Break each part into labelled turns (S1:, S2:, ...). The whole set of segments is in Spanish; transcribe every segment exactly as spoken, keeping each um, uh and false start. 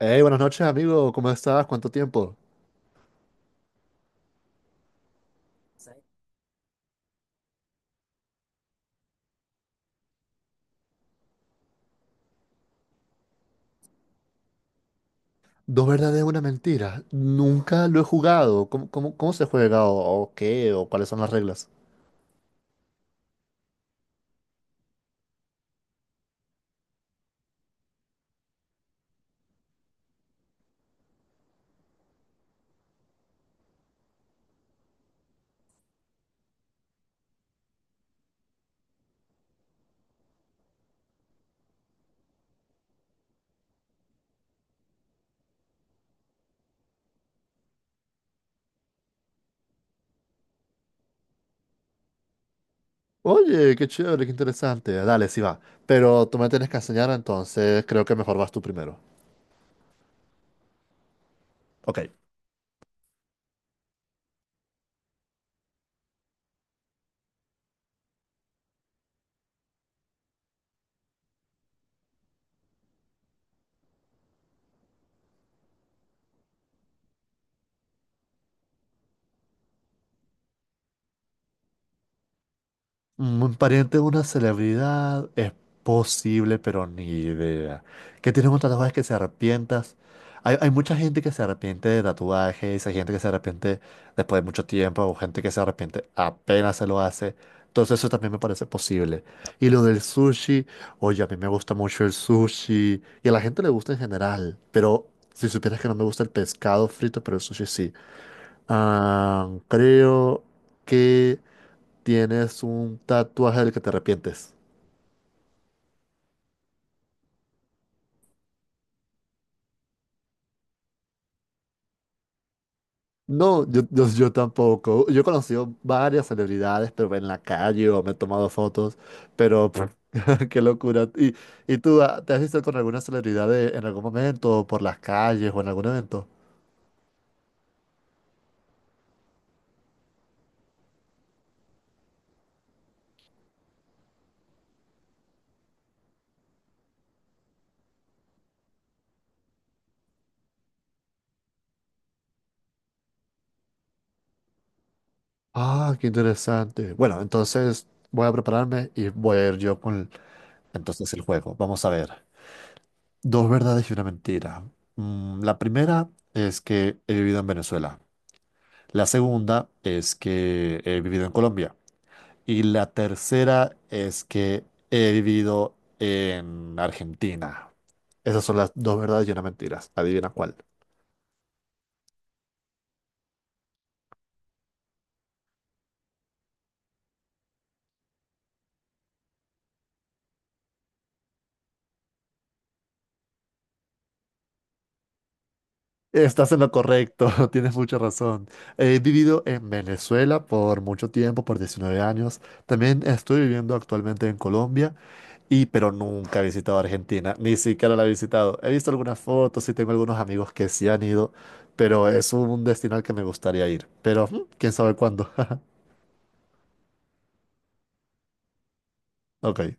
S1: Hey, buenas noches, amigo. ¿Cómo estás? ¿Cuánto tiempo? Dos verdades, una mentira. Nunca lo he jugado. ¿Cómo, cómo, cómo se juega? ¿O, o qué? ¿O cuáles son las reglas? Oye, qué chévere, qué interesante. Dale, sí va. Pero tú me tienes que enseñar, entonces creo que mejor vas tú primero. Ok. Un pariente de una celebridad es posible, pero ni idea. ¿Qué tienes un tatuaje que se arrepientas? Hay, hay mucha gente que se arrepiente de tatuajes, hay gente que se arrepiente después de mucho tiempo, o gente que se arrepiente apenas se lo hace. Entonces eso también me parece posible. Y lo del sushi, oye, a mí me gusta mucho el sushi y a la gente le gusta en general, pero si supieras que no me gusta el pescado frito, pero el sushi sí. Ah, creo que tienes un tatuaje del que te arrepientes. No, yo, yo, yo tampoco. Yo he conocido varias celebridades, pero en la calle o me he tomado fotos, pero pff, qué locura. ¿Y, y tú ah, te has visto con alguna celebridad de- en algún momento, o por las calles o en algún evento? Ah, qué interesante. Bueno, entonces voy a prepararme y voy a ir yo con entonces el juego. Vamos a ver. Dos verdades y una mentira. Mm, la primera es que he vivido en Venezuela. La segunda es que he vivido en Colombia. Y la tercera es que he vivido en Argentina. Esas son las dos verdades y una mentira. Adivina cuál. Estás en lo correcto, tienes mucha razón. He vivido en Venezuela por mucho tiempo, por diecinueve años. También estoy viviendo actualmente en Colombia, y pero nunca he visitado Argentina, ni siquiera la he visitado. He visto algunas fotos y tengo algunos amigos que sí han ido, pero es un destino al que me gustaría ir. Pero mm, quién sabe cuándo. Ok,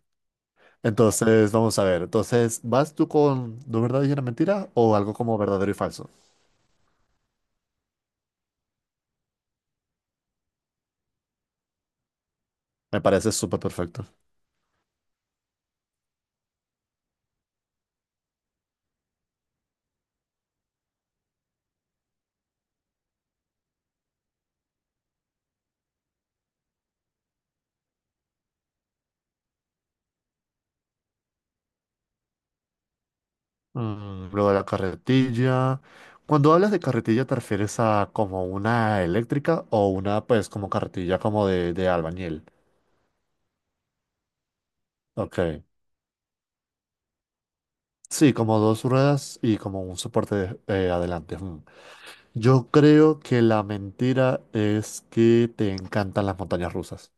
S1: entonces vamos a ver. Entonces, ¿vas tú con no verdad y una mentira o algo como verdadero y falso? Me parece súper perfecto. Mm, lo de la carretilla. Cuando hablas de carretilla, ¿te refieres a como una eléctrica o una, pues, como carretilla como de, de albañil? Ok. Sí, como dos ruedas y como un soporte de- eh, adelante. Mm. Yo creo que la mentira es que te encantan las montañas rusas.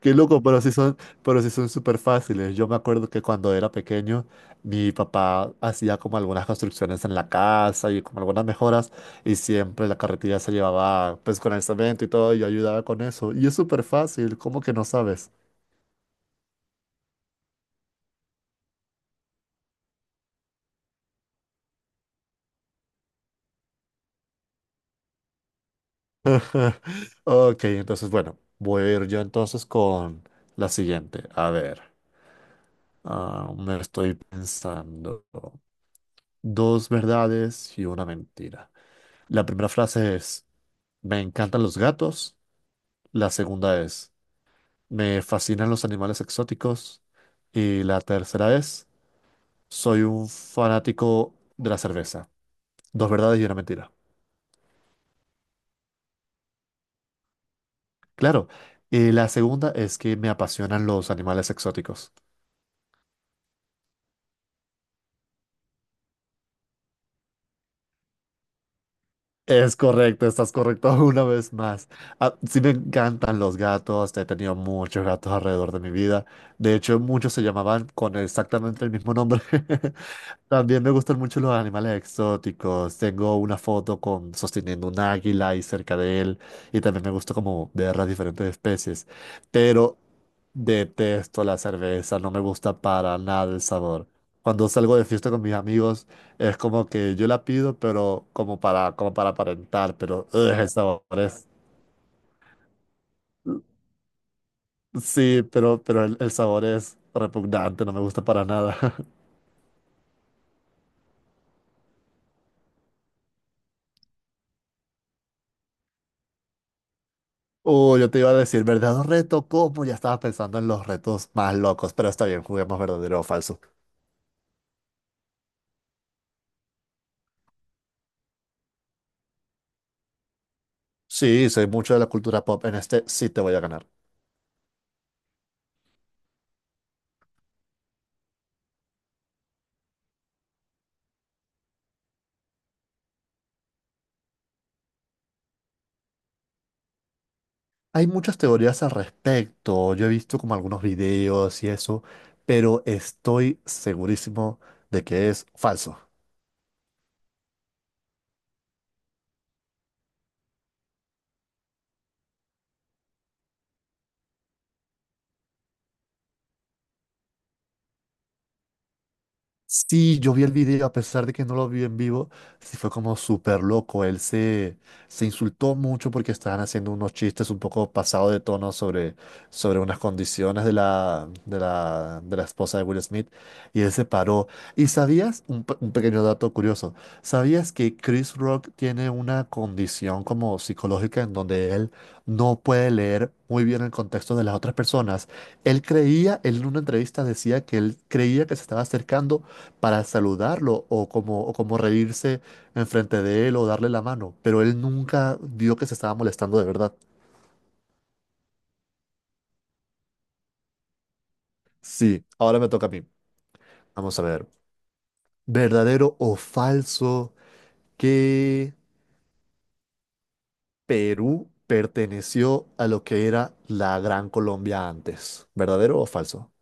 S1: Qué loco, pero sí son, pero sí son súper fáciles. Yo me acuerdo que cuando era pequeño, mi papá hacía como algunas construcciones en la casa y como algunas mejoras, y siempre la carretilla se llevaba pues con el cemento y todo, y yo ayudaba con eso. Y es súper fácil, ¿cómo que no sabes? Ok, entonces bueno, voy a ir yo entonces con la siguiente. A ver, ah, me estoy pensando. Dos verdades y una mentira. La primera frase es, me encantan los gatos. La segunda es, Me fascinan los animales exóticos. Y la tercera es, soy un fanático de la cerveza. Dos verdades y una mentira. Claro. Y la segunda es que me apasionan los animales exóticos. Es correcto, estás correcto una vez más. Ah, sí me encantan los gatos, he tenido muchos gatos alrededor de mi vida. De hecho, muchos se llamaban con exactamente el mismo nombre. También me gustan mucho los animales exóticos. Tengo una foto con sosteniendo un águila y cerca de él. Y también me gusta como ver las diferentes especies. Pero detesto la cerveza, no me gusta para nada el sabor. Cuando salgo de fiesta con mis amigos, es como que yo la pido, pero como para, como para aparentar, pero ugh, el sabor es. Sí, pero, pero el, el sabor es repugnante, no me gusta para nada. Oh, yo te iba a decir, ¿verdadero reto? ¿Cómo? Ya estaba pensando en los retos más locos, pero está bien, juguemos verdadero o falso. Sí, soy mucho de la cultura pop, en este sí te voy a ganar. Hay muchas teorías al respecto, yo he visto como algunos videos y eso, pero estoy segurísimo de que es falso. Sí, yo vi el video, a pesar de que no lo vi en vivo, sí fue como súper loco. Él se, se insultó mucho porque estaban haciendo unos chistes un poco pasados de tono sobre, sobre unas condiciones de la, de la, de la esposa de Will Smith y él se paró. ¿Y sabías, un, pe- un pequeño dato curioso, sabías que Chris Rock tiene una condición como psicológica en donde él no puede leer muy bien el contexto de las otras personas? Él creía, él en una entrevista decía que él creía que se estaba acercando para saludarlo o como, o como reírse enfrente de él o darle la mano, pero él nunca vio que se estaba molestando de verdad. Sí, ahora me toca a mí. Vamos a ver, ¿verdadero o falso que Perú perteneció a lo que era la Gran Colombia antes? ¿Verdadero o falso?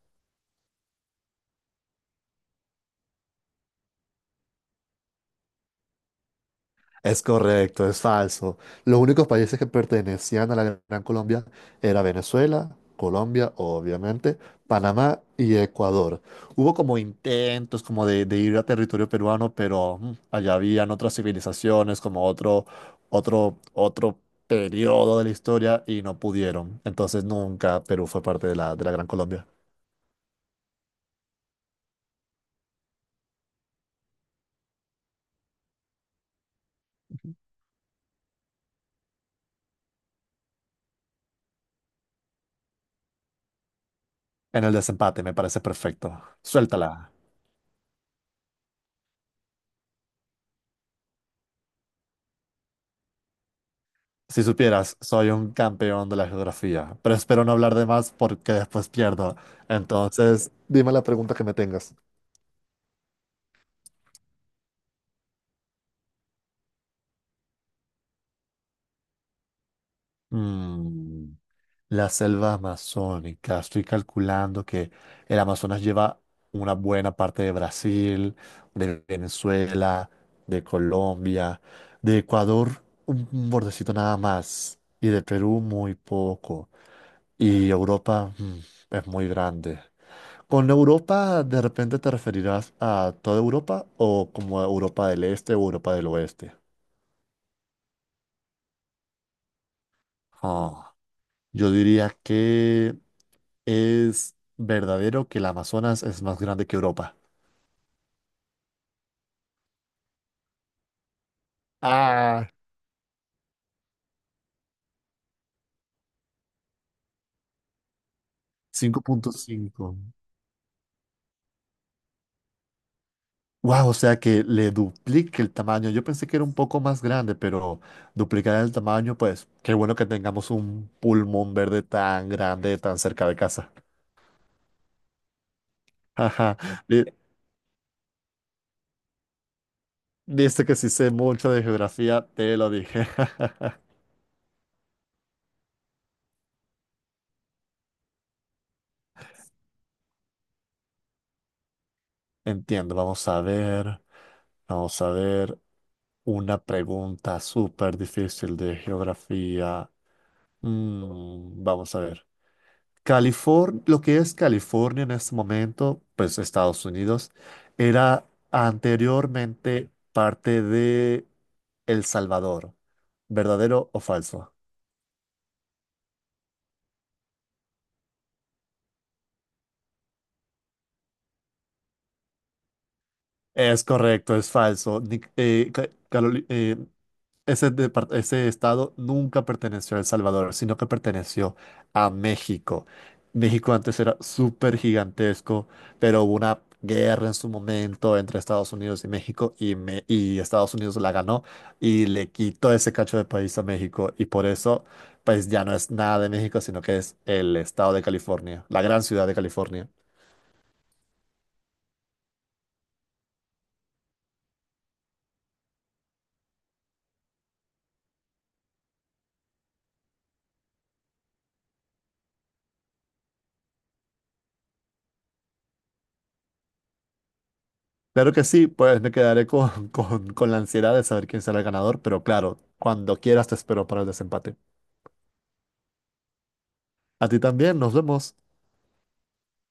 S1: Es correcto, es falso. Los únicos países que pertenecían a la Gran Colombia era Venezuela, Colombia, obviamente, Panamá y Ecuador. Hubo como intentos como de, de ir a territorio peruano, pero mm, allá habían otras civilizaciones, como otro, otro, otro periodo de la historia y no pudieron. Entonces nunca Perú fue parte de la, de la Gran Colombia. En el desempate me parece perfecto. Suéltala. Si supieras, soy un campeón de la geografía, pero espero no hablar de más porque después pierdo. Entonces, dime la pregunta que me tengas. Mm, la selva amazónica. Estoy calculando que el Amazonas lleva una buena parte de Brasil, de Venezuela, de Colombia, de Ecuador, un un bordecito nada más, y de Perú muy poco. Y Europa, mm, es muy grande. Con Europa, ¿de repente te referirás a toda Europa o como a Europa del Este o Europa del Oeste? Ah, yo diría que es verdadero que el Amazonas es más grande que Europa. Ah, cinco punto cinco. Wow, o sea que le duplique el tamaño. Yo pensé que era un poco más grande, pero duplicar el tamaño, pues qué bueno que tengamos un pulmón verde tan grande, tan cerca de casa. Ajá. Viste que si sé mucho de geografía, te lo dije. Entiendo, vamos a ver. Vamos a ver una pregunta súper difícil de geografía. Mm, vamos a ver. California, lo que es California en este momento, pues Estados Unidos, era anteriormente parte de El Salvador. ¿Verdadero o falso? Es correcto, es falso. Ni- eh, Ca- Caroli- eh, ese, depart- ese estado nunca perteneció a El Salvador, sino que perteneció a México. México antes era súper gigantesco, pero hubo una guerra en su momento entre Estados Unidos y México y, Me- y Estados Unidos la ganó y le quitó ese cacho de país a México y por eso pues ya no es nada de México, sino que es el estado de California, la gran ciudad de California. Claro que sí, pues me quedaré con, con, con la ansiedad de saber quién será el ganador, pero claro, cuando quieras te espero para el desempate. A ti también, nos vemos.